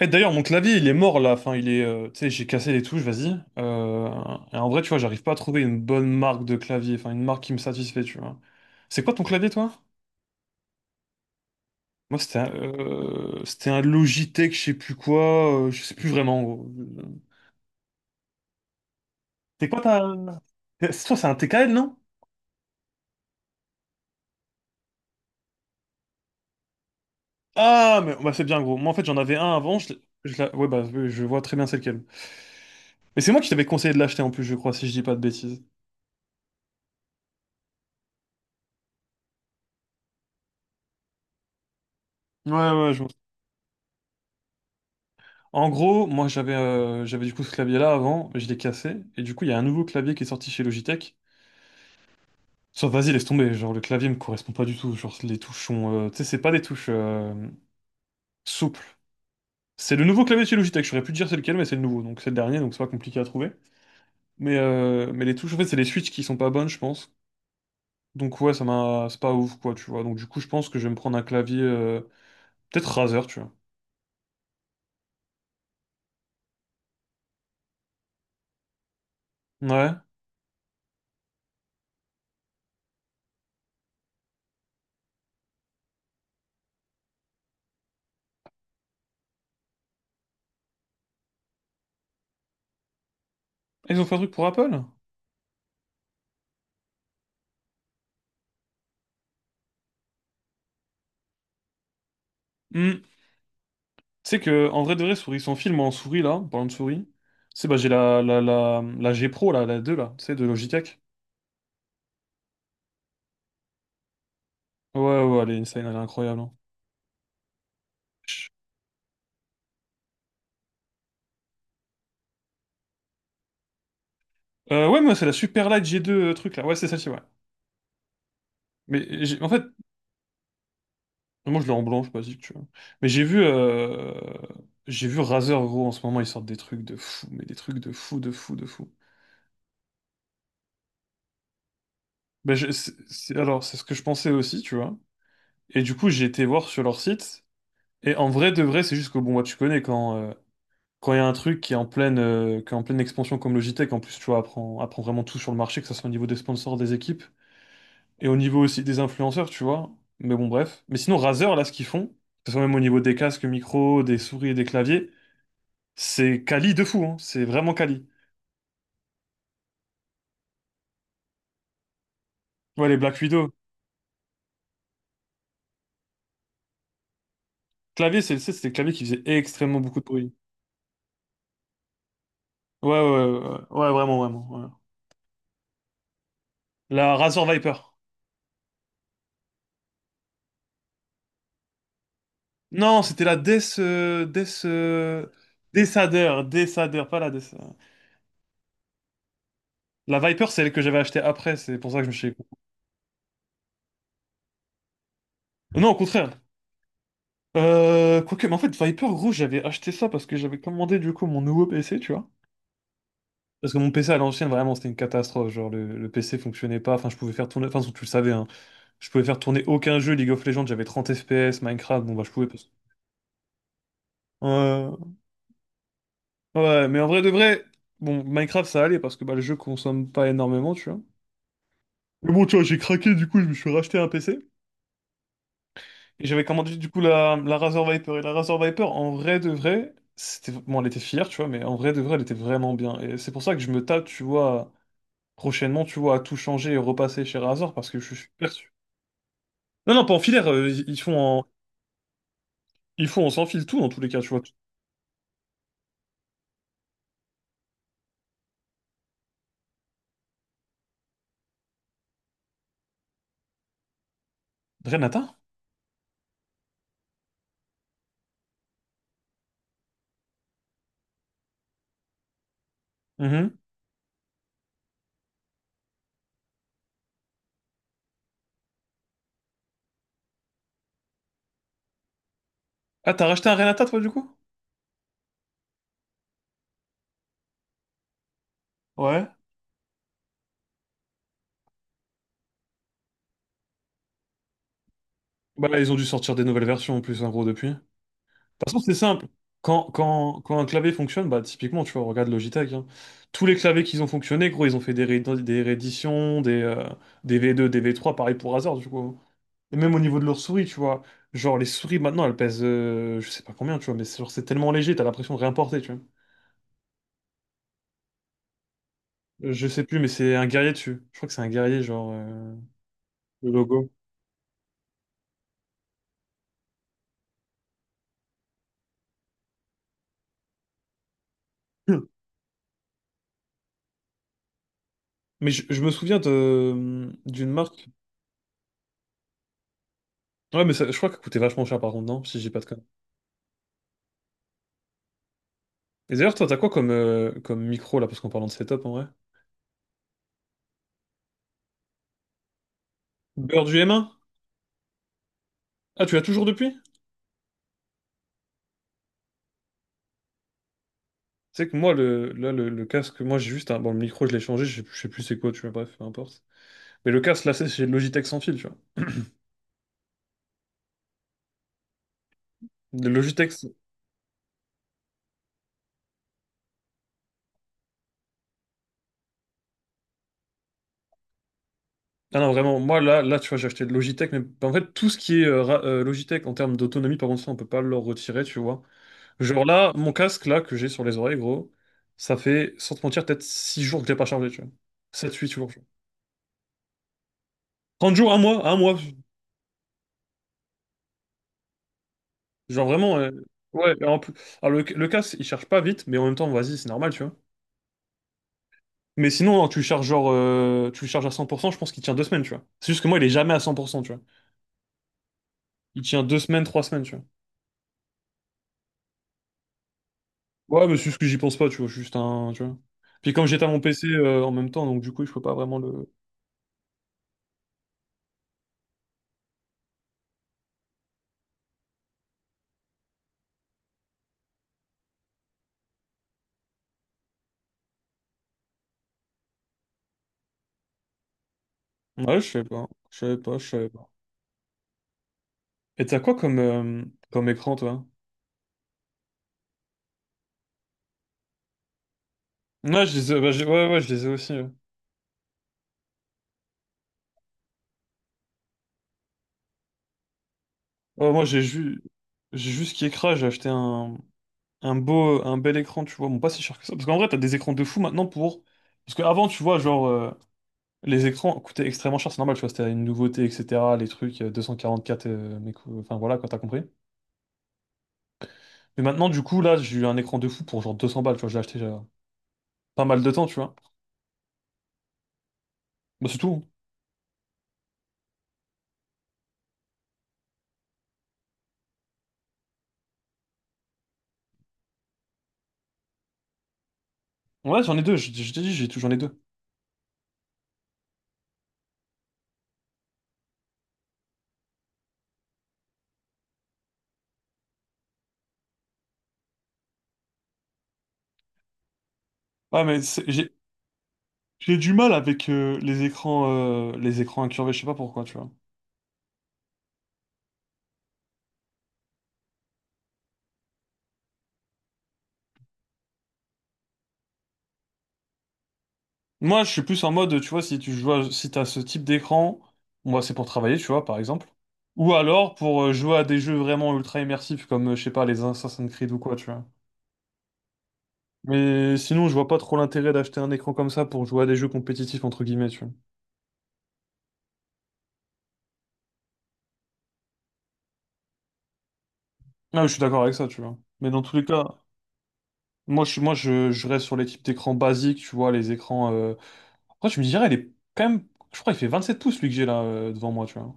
Eh, d'ailleurs, mon clavier, il est mort là. Enfin, il est, tu sais, j'ai cassé les touches, vas-y. Euh, et en vrai, tu vois, j'arrive pas à trouver une bonne marque de clavier, enfin, une marque qui me satisfait, tu vois. C'est quoi ton clavier, toi? Moi, c'était un Logitech, je sais plus quoi, je sais plus vraiment, gros. C'est quoi ta. C'est toi, c'est un TKL, non? Ah, mais bah, c'est bien, gros. Moi, en fait, j'en avais un avant. Ouais, bah, je vois très bien c'est lequel. Mais c'est moi qui t'avais conseillé de l'acheter en plus, je crois, si je dis pas de bêtises. Ouais, ouais, je En gros, moi j'avais du coup ce clavier-là avant, je l'ai cassé, et du coup il y a un nouveau clavier qui est sorti chez Logitech. Sauf vas-y, laisse tomber, genre le clavier me correspond pas du tout, genre les touches sont, tu sais, c'est pas des touches souples. C'est le nouveau clavier de chez Logitech, je saurais plus te dire c'est lequel, mais c'est le nouveau, donc c'est le dernier, donc c'est pas compliqué à trouver. Mais les touches, en fait, c'est les switches qui sont pas bonnes, je pense. Donc ouais, ça m'a... c'est pas ouf, quoi, tu vois. Donc du coup, je pense que je vais me prendre un clavier... peut-être Razer, tu vois. Ouais. Ah, ils ont fait un truc pour Apple? Hmm. Tu sais que, en vrai de vrai, souris, son film en souris, là, en parlant de souris, c'est bah j'ai la G Pro, là, la 2 là, tu sais, de Logitech. Ouais, ouais, ouais, elle est insane, elle est incroyable, hein. Chut. Ouais, moi, c'est la Super Light G2 truc, là. Ouais, c'est celle-ci, ouais. Mais en fait, moi, je l'ai en blanc, je sais pas si tu vois. Mais j'ai vu Razer, gros, en ce moment, ils sortent des trucs de fou, mais des trucs de fou, de fou, de fou. Ben, alors, c'est ce que je pensais aussi, tu vois. Et du coup, j'ai été voir sur leur site. Et en vrai de vrai, c'est juste que, bon, moi, tu connais quand il y a un truc qui est en pleine expansion comme Logitech, en plus, tu vois, apprend vraiment tout sur le marché, que ce soit au niveau des sponsors, des équipes, et au niveau aussi des influenceurs, tu vois. Mais bon, bref. Mais sinon, Razer, là, ce qu'ils font, que ce soit même au niveau des casques, micros, des souris et des claviers, c'est quali de fou, hein. C'est vraiment quali. Ouais, les Black Widow. Clavier, c'était des claviers qui faisait extrêmement beaucoup de bruit. Ouais, ouais, ouais, ouais, ouais, vraiment, vraiment, ouais. La Razer Viper. Non, c'était la Death Adder, Death Adder, pas la Death. La Viper, c'est elle que j'avais achetée après, c'est pour ça que je me suis... Non, au contraire. Quoique, mais en fait, Viper, gros, j'avais acheté ça parce que j'avais commandé du coup mon nouveau PC, tu vois. Parce que mon PC à l'ancienne, vraiment, c'était une catastrophe. Genre, le PC fonctionnait pas. Enfin, je pouvais faire tourner. Enfin, tu le savais, hein. Je pouvais faire tourner aucun jeu. League of Legends, j'avais 30 FPS. Minecraft, bon, bah, je pouvais pas. Euh, Ouais, mais en vrai de vrai, bon, Minecraft, ça allait parce que bah, le jeu consomme pas énormément, tu vois. Mais bon, tu vois, j'ai craqué, du coup, je me suis racheté un PC. Et j'avais commandé du coup la Razor Viper. Et la Razor Viper, en vrai de vrai, c'était, bon, elle était fière, tu vois, mais en vrai de vrai, elle était vraiment bien. Et c'est pour ça que je me tape, tu vois, prochainement, tu vois, à tout changer et repasser chez Razor parce que je suis perçu. Non, non, pas en filaire, ils font en sans fil tout dans tous les cas, tu vois. Renata? Mhm. Ah, t'as racheté un Renata, toi, du coup? Ouais. Bah, ils ont dû sortir des nouvelles versions en plus, en gros, depuis. De toute façon, c'est simple. Quand un clavier fonctionne, bah, typiquement, tu vois, regarde Logitech, hein. Tous les claviers qu'ils ont fonctionné, gros, ils ont fait des rééditions, des V2, des V3, pareil pour Razer, du coup, hein. Et même au niveau de leurs souris, tu vois. Genre, les souris, maintenant, elles pèsent, je sais pas combien, tu vois, mais c'est genre, c'est tellement léger, t'as l'impression de rien porter, tu vois. Je sais plus, mais c'est un guerrier dessus. Je crois que c'est un guerrier, genre, le logo. Mais je me souviens d'une marque. Ouais, mais je crois qu'elle coûtait vachement cher, par contre, non? Si j'ai pas de conneries. Et d'ailleurs, toi, t'as quoi comme micro là, parce qu'en parlant de setup en vrai? Beurre du m un. Ah, tu l'as toujours depuis? Tu sais que moi, le casque, moi j'ai juste un. Bon, le micro, je l'ai changé, je sais plus c'est quoi, tu vois, bref, peu importe. Mais le casque, là, c'est le Logitech sans fil, tu vois. Le Logitech. Ah non, vraiment, moi là, là, tu vois, j'ai acheté le Logitech, mais en fait, tout ce qui est Logitech en termes d'autonomie, par contre, ça, on peut pas le retirer, tu vois. Genre là, mon casque là, que j'ai sur les oreilles, gros, ça fait, sans te mentir, peut-être 6 jours que je l'ai pas chargé, tu vois. 7-8 jours, tu vois. 30 jours, 1 mois, 1 mois. Genre vraiment, ouais. Alors le casse, il charge pas vite, mais en même temps, vas-y, c'est normal, tu vois. Mais sinon, hein, tu le charges à 100%, je pense qu'il tient 2 semaines, tu vois. C'est juste que moi, il est jamais à 100%, tu vois. Il tient 2 semaines, 3 semaines, tu vois. Ouais, mais c'est juste que j'y pense pas, tu vois, je suis juste un, tu vois. Puis comme j'étais à mon PC en même temps, donc du coup, je peux pas vraiment le... Ouais, je sais pas, je savais pas, je savais pas. Et t'as quoi comme écran, toi? Ouais, je les ai, bah, ouais, ouais, je les ai aussi, ouais. Ouais, moi, j'ai juste qui écrase, j'ai acheté un bel écran, tu vois, bon, pas si cher que ça. Parce qu'en vrai, t'as des écrans de fou maintenant pour. Parce qu'avant, tu vois, genre, les écrans coûtaient extrêmement cher, c'est normal, tu vois, c'était une nouveauté, etc. Les trucs, 244, mais enfin voilà, quand t'as compris. Mais maintenant, du coup, là, j'ai eu un écran de fou pour genre 200 balles, tu vois, je l'ai acheté il y a pas mal de temps, tu vois. Bah, c'est tout. Ouais, j'en ai deux, je t'ai dit, j'ai tout, j'en ai deux. Ouais, mais j'ai du mal avec les écrans incurvés, je sais pas pourquoi, tu vois. Moi, je suis plus en mode, tu vois, si tu joues, si t'as ce type d'écran, moi, c'est pour travailler, tu vois, par exemple. Ou alors pour jouer à des jeux vraiment ultra immersifs, comme, je sais pas, les Assassin's Creed ou quoi, tu vois. Mais sinon, je vois pas trop l'intérêt d'acheter un écran comme ça pour jouer à des jeux compétitifs, entre guillemets, tu vois. Ah, mais je suis d'accord avec ça, tu vois. Mais dans tous les cas, moi, je reste sur les types d'écran basiques, tu vois, les écrans. Après, tu me dirais, il est quand même... Je crois il fait 27 pouces, lui, que j'ai là, devant moi, tu vois.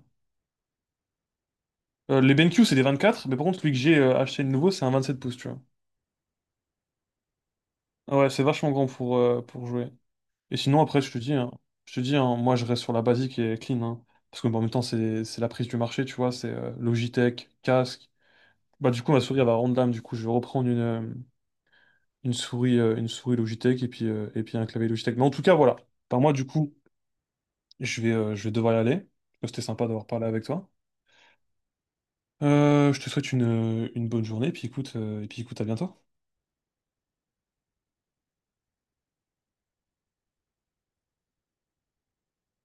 Les BenQ, c'est des 24, mais par contre, celui que j'ai acheté le nouveau, c'est un 27 pouces, tu vois. Ah ouais, c'est vachement grand pour jouer. Et sinon, après, je te dis, hein, moi, je reste sur la basique et clean, hein. Parce que, bon, en même temps, c'est la prise du marché, tu vois, c'est Logitech, casque. Bah, du coup, ma souris, elle va rendre l'âme. Du coup, je vais reprendre une souris Logitech et puis un clavier Logitech. Mais en tout cas, voilà. Par moi, du coup, je vais devoir y aller. C'était sympa d'avoir parlé avec toi. Je te souhaite une bonne journée. Et puis, écoute, à bientôt.